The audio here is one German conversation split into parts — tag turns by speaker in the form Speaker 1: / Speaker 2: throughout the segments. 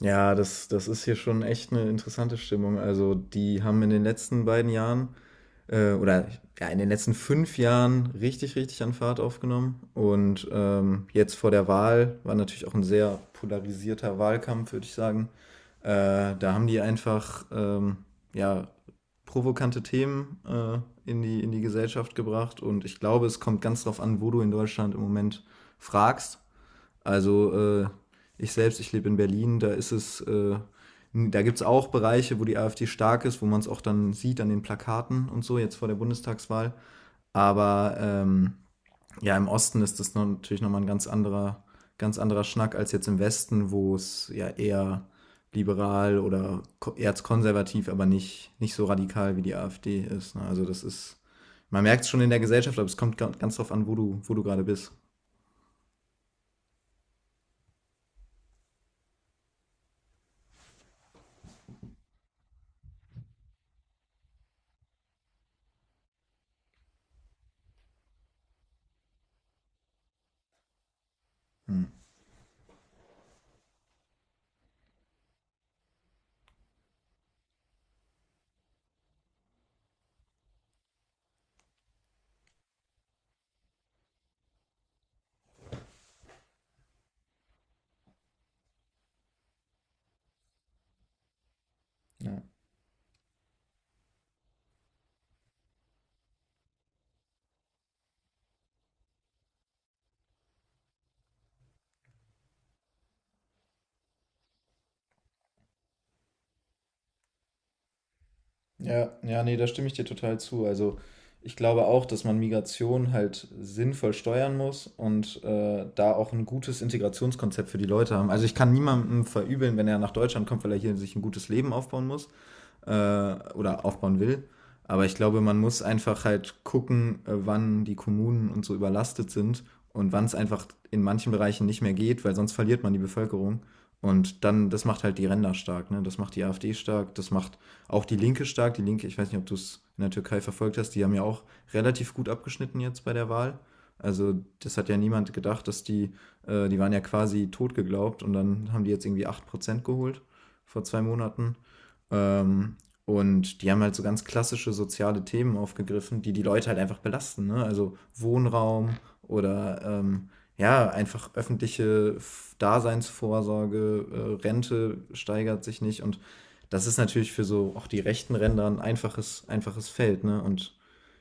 Speaker 1: Ja, das ist hier schon echt eine interessante Stimmung. Also, die haben in den letzten beiden Jahren äh, oder ja, in den letzten 5 Jahren richtig an Fahrt aufgenommen. Und jetzt vor der Wahl war natürlich auch ein sehr polarisierter Wahlkampf, würde ich sagen. Da haben die einfach ja, provokante Themen in die Gesellschaft gebracht. Und ich glaube, es kommt ganz drauf an, wo du in Deutschland im Moment fragst. Also ich selbst, ich lebe in Berlin, da ist es, da gibt es auch Bereiche, wo die AfD stark ist, wo man es auch dann sieht an den Plakaten und so, jetzt vor der Bundestagswahl. Aber ja, im Osten ist das noch natürlich nochmal ein ganz anderer Schnack als jetzt im Westen, wo es ja eher liberal oder erzkonservativ, aber nicht so radikal wie die AfD ist. Ne? Also das ist, man merkt es schon in der Gesellschaft, aber es kommt ganz drauf an, wo du gerade bist. Ja. Ja, ja, ne, da stimme ich dir total zu. Also, ich glaube auch, dass man Migration halt sinnvoll steuern muss und, da auch ein gutes Integrationskonzept für die Leute haben. Also, ich kann niemandem verübeln, wenn er nach Deutschland kommt, weil er hier sich ein gutes Leben aufbauen muss äh, oder aufbauen will. Aber ich glaube, man muss einfach halt gucken, wann die Kommunen und so überlastet sind und wann es einfach in manchen Bereichen nicht mehr geht, weil sonst verliert man die Bevölkerung. Und dann, das macht halt die Ränder stark, ne? Das macht die AfD stark, das macht auch die Linke stark. Die Linke, ich weiß nicht, ob du es in der Türkei verfolgt hast, die haben ja auch relativ gut abgeschnitten jetzt bei der Wahl. Also das hat ja niemand gedacht, dass die waren ja quasi tot geglaubt und dann haben die jetzt irgendwie 8% geholt vor 2 Monaten. Ähm, und die haben halt so ganz klassische soziale Themen aufgegriffen, die die Leute halt einfach belasten. Ne? Also Wohnraum oder ja, einfach öffentliche Daseinsvorsorge, Rente steigert sich nicht. Und das ist natürlich für so auch die rechten Ränder ein einfaches Feld. Ne? Und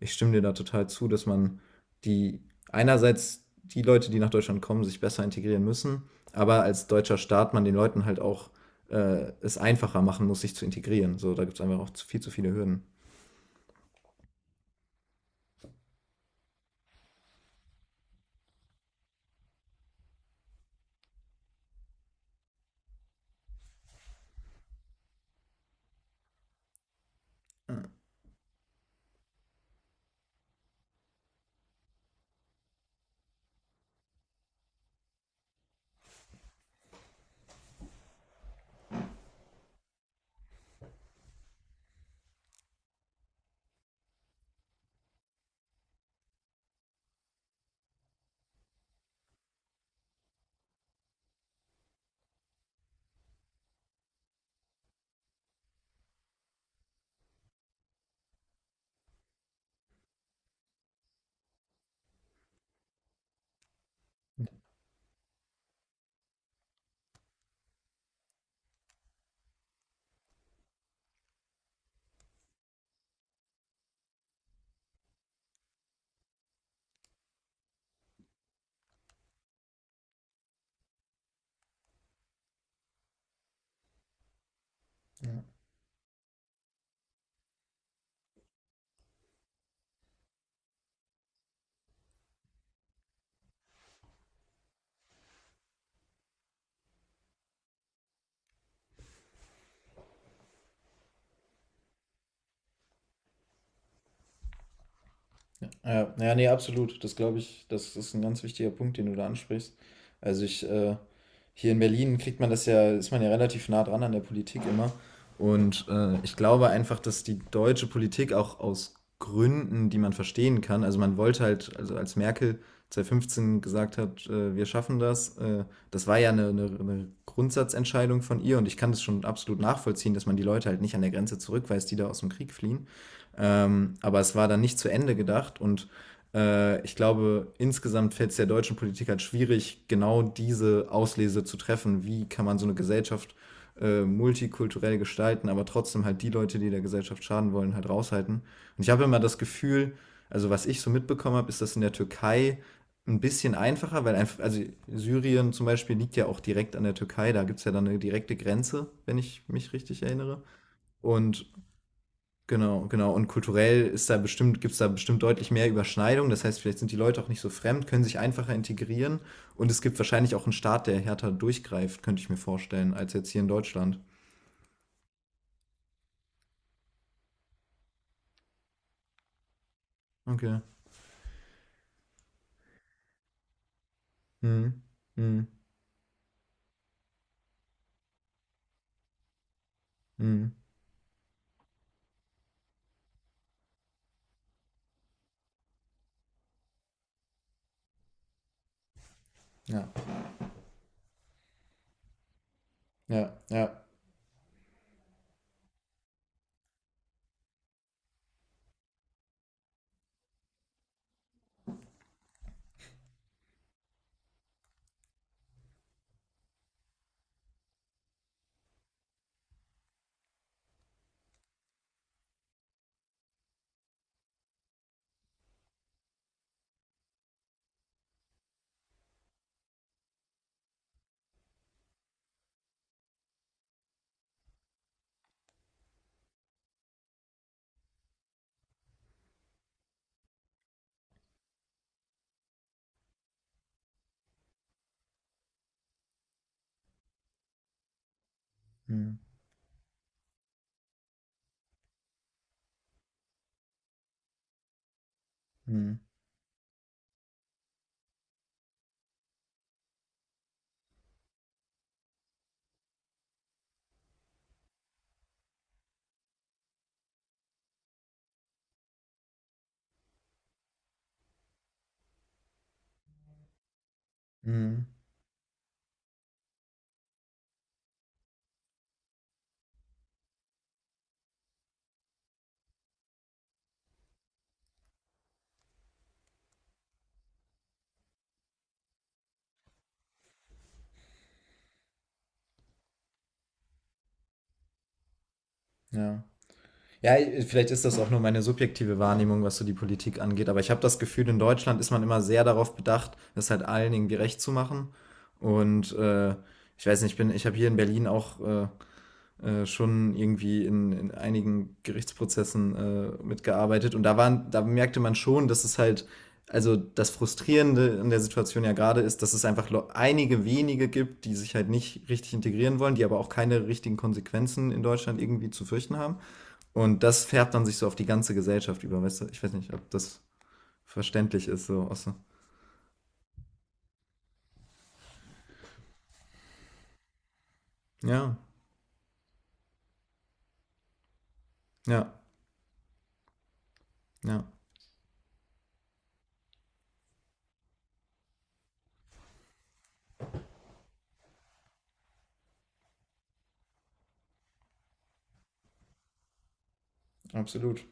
Speaker 1: ich stimme dir da total zu, dass man die einerseits die Leute, die nach Deutschland kommen, sich besser integrieren müssen, aber als deutscher Staat man den Leuten halt auch es einfacher machen muss, sich zu integrieren. So, da gibt es einfach auch viel zu viele Hürden. Ja. Ja, ja, nee, absolut. Das glaube ich, das ist ein ganz wichtiger Punkt, den du da ansprichst. Also hier in Berlin kriegt man das ja, ist man ja relativ nah dran an der Politik immer. Und ich glaube einfach, dass die deutsche Politik auch aus Gründen, die man verstehen kann, also man wollte halt, also als Merkel 2015 gesagt hat, wir schaffen das, das war ja eine Grundsatzentscheidung von ihr und ich kann das schon absolut nachvollziehen, dass man die Leute halt nicht an der Grenze zurückweist, die da aus dem Krieg fliehen. Aber es war dann nicht zu Ende gedacht und ich glaube, insgesamt fällt es der deutschen Politik halt schwierig, genau diese Auslese zu treffen. Wie kann man so eine Gesellschaft multikulturell gestalten, aber trotzdem halt die Leute, die der Gesellschaft schaden wollen, halt raushalten. Und ich habe immer das Gefühl, also was ich so mitbekommen habe, ist das in der Türkei ein bisschen einfacher, weil einfach, also Syrien zum Beispiel liegt ja auch direkt an der Türkei, da gibt es ja dann eine direkte Grenze, wenn ich mich richtig erinnere. Und genau, genau. Und kulturell ist da bestimmt, gibt's da bestimmt deutlich mehr Überschneidung. Das heißt, vielleicht sind die Leute auch nicht so fremd, können sich einfacher integrieren. Und es gibt wahrscheinlich auch einen Staat, der härter durchgreift, könnte ich mir vorstellen, als jetzt hier in Deutschland. Okay. Mhm. Mhm. Mhm. Ja. Ja. Ja. Mhm. Mhm. Mhm. Ja. Ja, vielleicht ist das auch nur meine subjektive Wahrnehmung, was so die Politik angeht, aber ich habe das Gefühl, in Deutschland ist man immer sehr darauf bedacht, es halt allen irgendwie recht zu machen. Und ich weiß nicht, ich bin, ich habe hier in Berlin auch schon irgendwie in einigen Gerichtsprozessen mitgearbeitet und da waren, da merkte man schon, dass es halt, also das Frustrierende in der Situation ja gerade ist, dass es einfach einige wenige gibt, die sich halt nicht richtig integrieren wollen, die aber auch keine richtigen Konsequenzen in Deutschland irgendwie zu fürchten haben. Und das färbt dann sich so auf die ganze Gesellschaft über, weißt du? Ich weiß nicht, ob das verständlich ist, so. Ja, ja, ja, absolut.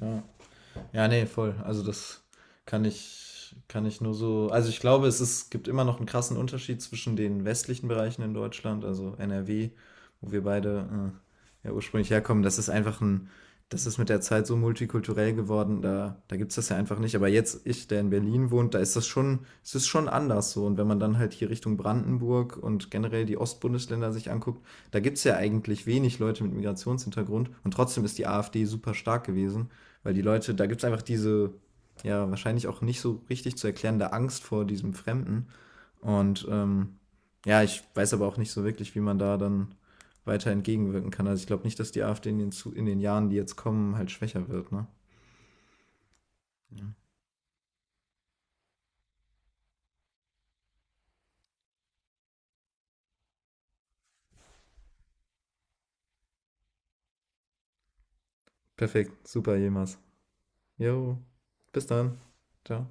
Speaker 1: Ja. Ja, nee, voll. Also das kann ich nur so. Also ich glaube, es ist, gibt immer noch einen krassen Unterschied zwischen den westlichen Bereichen in Deutschland, also NRW, wo wir beide ja ursprünglich herkommen. Das ist das ist mit der Zeit so multikulturell geworden, da gibt es das ja einfach nicht. Aber jetzt, ich, der in Berlin wohnt, da ist das schon, es ist schon anders so. Und wenn man dann halt hier Richtung Brandenburg und generell die Ostbundesländer sich anguckt, da gibt es ja eigentlich wenig Leute mit Migrationshintergrund und trotzdem ist die AfD super stark gewesen. Weil die Leute, da gibt es einfach diese, ja, wahrscheinlich auch nicht so richtig zu erklärende Angst vor diesem Fremden. Und ja, ich weiß aber auch nicht so wirklich, wie man da dann weiter entgegenwirken kann. Also ich glaube nicht, dass die AfD in in den Jahren, die jetzt kommen, halt schwächer wird, ne? Perfekt, super, jemals. Jo, bis dann. Ciao.